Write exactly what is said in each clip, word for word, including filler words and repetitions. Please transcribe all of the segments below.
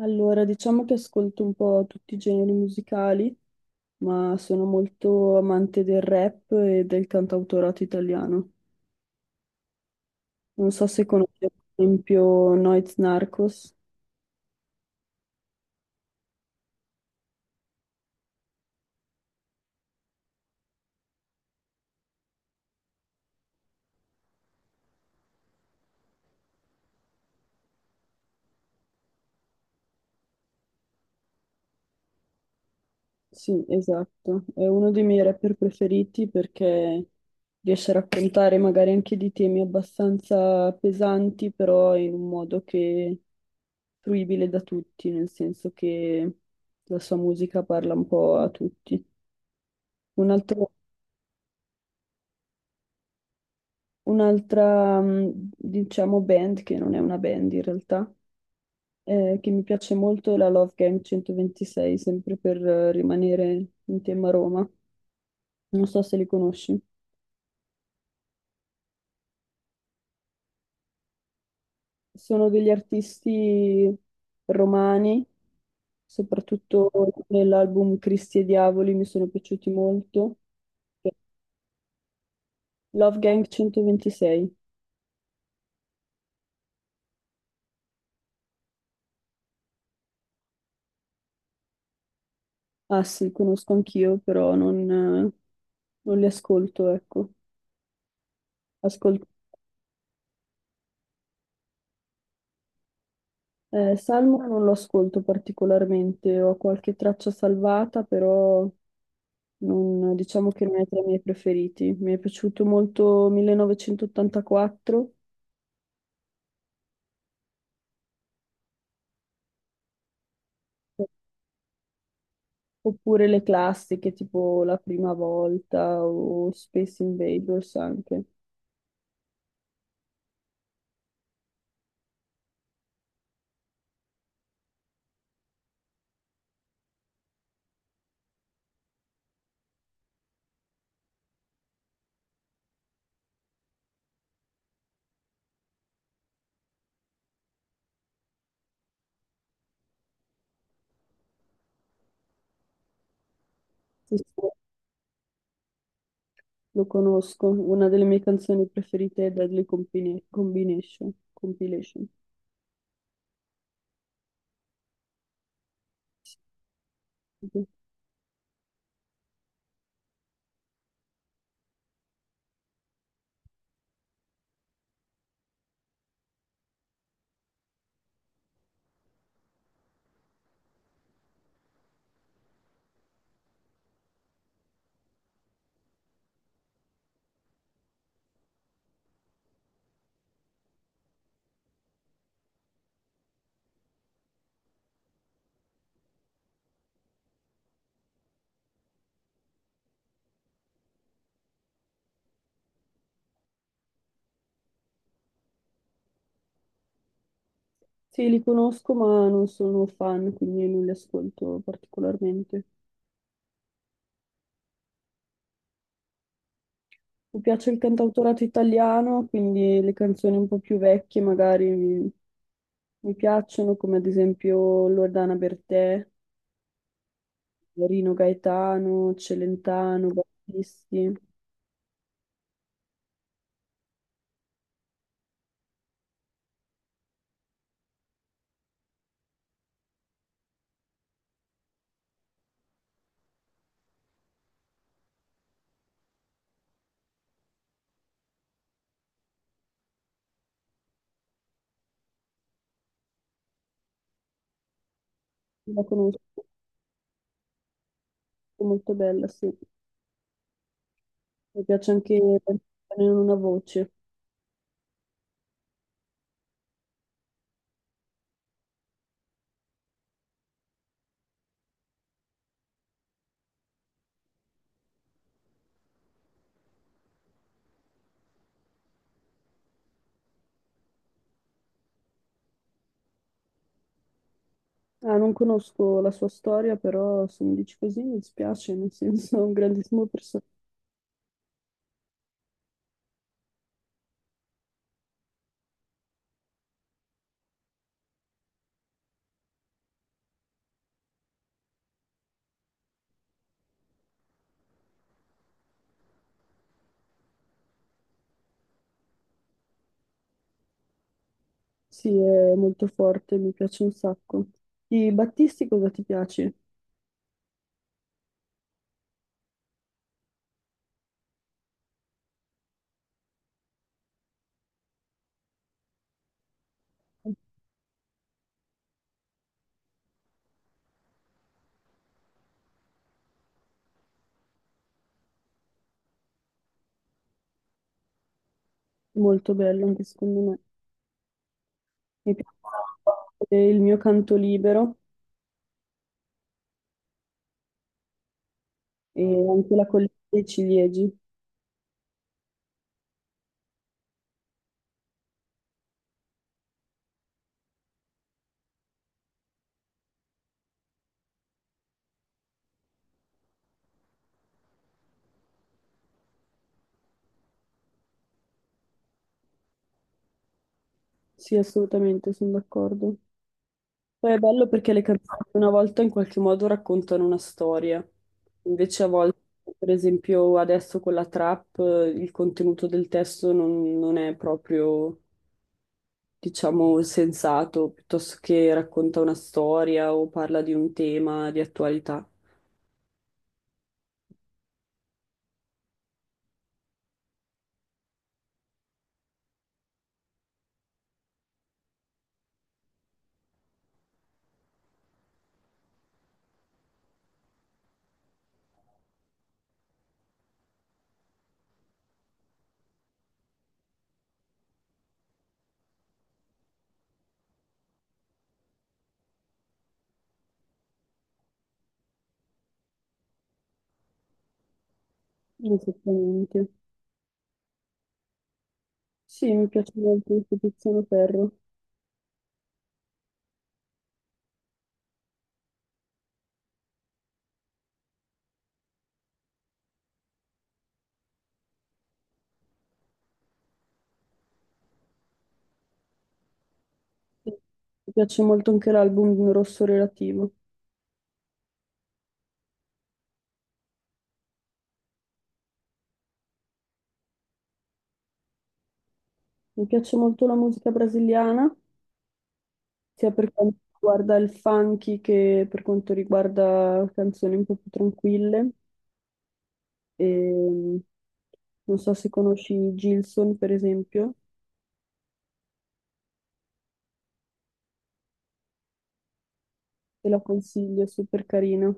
Allora, diciamo che ascolto un po' tutti i generi musicali, ma sono molto amante del rap e del cantautorato italiano. Non so se conosci, ad esempio, Noyz Narcos. Sì, esatto. È uno dei miei rapper preferiti perché riesce a raccontare magari anche di temi abbastanza pesanti, però in un modo che è fruibile da tutti, nel senso che la sua musica parla un po' a tutti. Un altro un'altra, mh, diciamo, band che non è una band in realtà, eh, che mi piace molto è la Love Gang centoventisei, sempre per eh, rimanere in tema Roma. Non so se li conosci. Sono degli artisti romani, soprattutto nell'album Cristi e Diavoli mi sono piaciuti molto. Love Gang centoventisei. Ah sì, conosco anch'io, però non, eh, non li ascolto, ecco. Ascolto Eh, Salmo non lo ascolto particolarmente, ho qualche traccia salvata, però non- diciamo che non è tra i miei preferiti. Mi è piaciuto molto millenovecentottantaquattro, oppure le classiche, tipo La prima volta o Space Invaders anche. Sì, sì, lo conosco, una delle mie canzoni preferite è Deadly Compine- Combination. Compilation. Sì, li conosco, ma non sono fan, quindi non li ascolto particolarmente. Mi piace il cantautorato italiano, quindi le canzoni un po' più vecchie magari mi, mi piacciono, come ad esempio Loredana Bertè, Rino Gaetano, Celentano, Battisti. La conosco, è molto bella, sì. Mi piace anche Non una voce. Ah, non conosco la sua storia, però se mi dici così mi dispiace, nel senso è un grandissimo personaggio. Sì, è molto forte, mi piace un sacco. Di Battisti cosa ti piace? Molto bello anche secondo me. Mi piace eh, il mio canto libero e anche la collina dei ciliegi. Sì, assolutamente, sono d'accordo. Poi è bello perché le canzoni una volta in qualche modo raccontano una storia, invece a volte, per esempio adesso con la trap, eh, il contenuto del testo non, non è proprio, diciamo, sensato, piuttosto che racconta una storia o parla di un tema di attualità. Esattamente. Sì, mi piace molto anche Tiziano Ferro. Mi piace molto anche l'album Rosso Relativo. Mi piace molto la musica brasiliana, sia per quanto riguarda il funky che per quanto riguarda canzoni un po' più tranquille. E, non so se conosci Gilson, per esempio, te la consiglio, è super carina.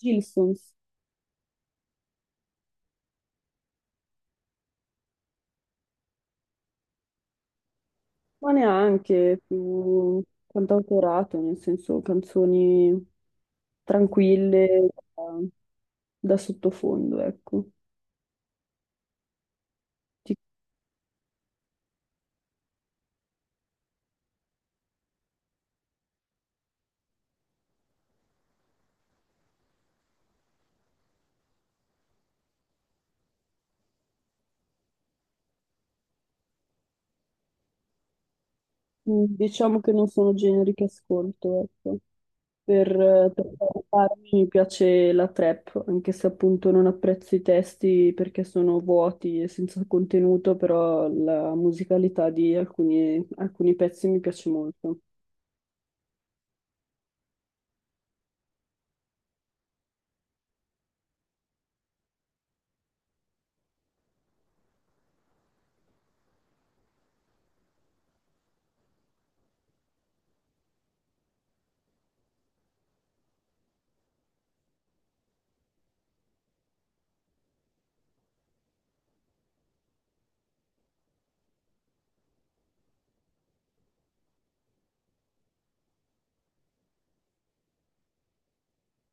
Gilson, ma neanche più cantautorato, nel senso canzoni tranquille da, da sottofondo, ecco. Ti- Diciamo che non sono generi che ascolto, ecco. Per, per parlarmi mi piace la trap, anche se appunto non apprezzo i testi perché sono vuoti e senza contenuto, però la musicalità di alcuni alcuni pezzi mi piace molto.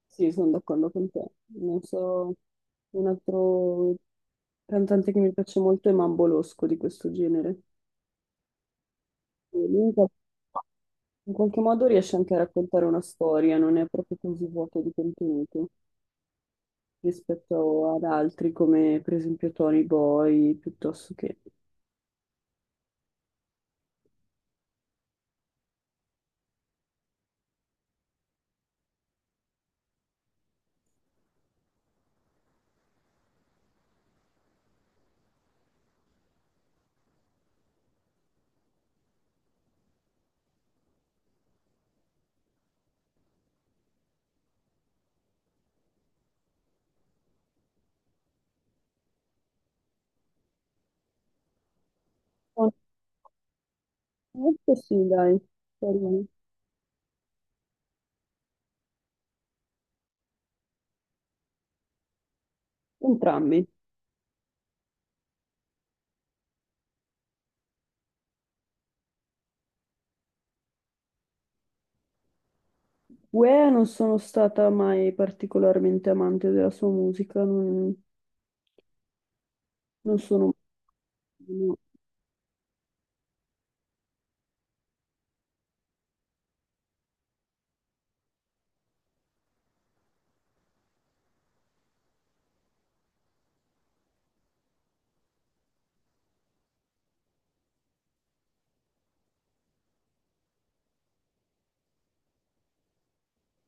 Sì, sono d'accordo con te. Non so, un altro cantante che mi piace molto è Mambo Losco di questo genere. E lui in qual- in qualche modo riesce anche a raccontare una storia, non è proprio così vuoto di contenuto rispetto ad altri come per esempio Tony Boy, piuttosto che... Onestamente sì, dai, carino. Entrambi. Uè, non sono stata mai particolarmente amante della sua musica, non, non sono... no.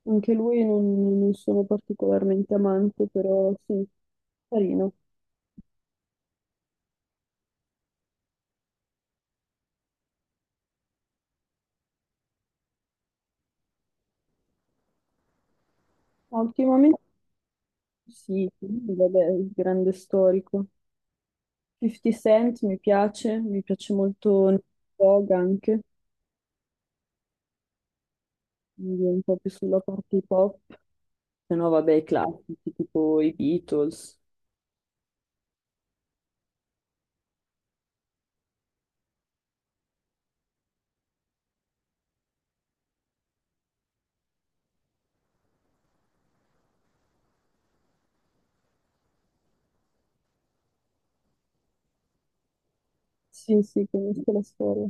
Anche lui non, non sono particolarmente amante, però sì, carino. Ma ultimamente sì, quindi vabbè, il grande storico. fifty Cent mi piace, mi piace molto Nate Dogg anche, quindi un po' più sulla parte hip hop, se no vabbè i classici tipo i Beatles. Sì, sì, conosco la storia.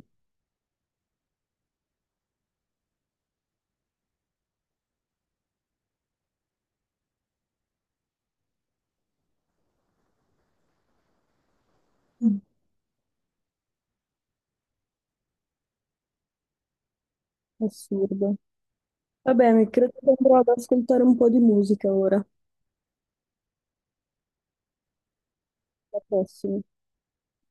Mm. Assurdo. Va bene, credo che andrò ad ascoltare un po' di musica ora, la prossima.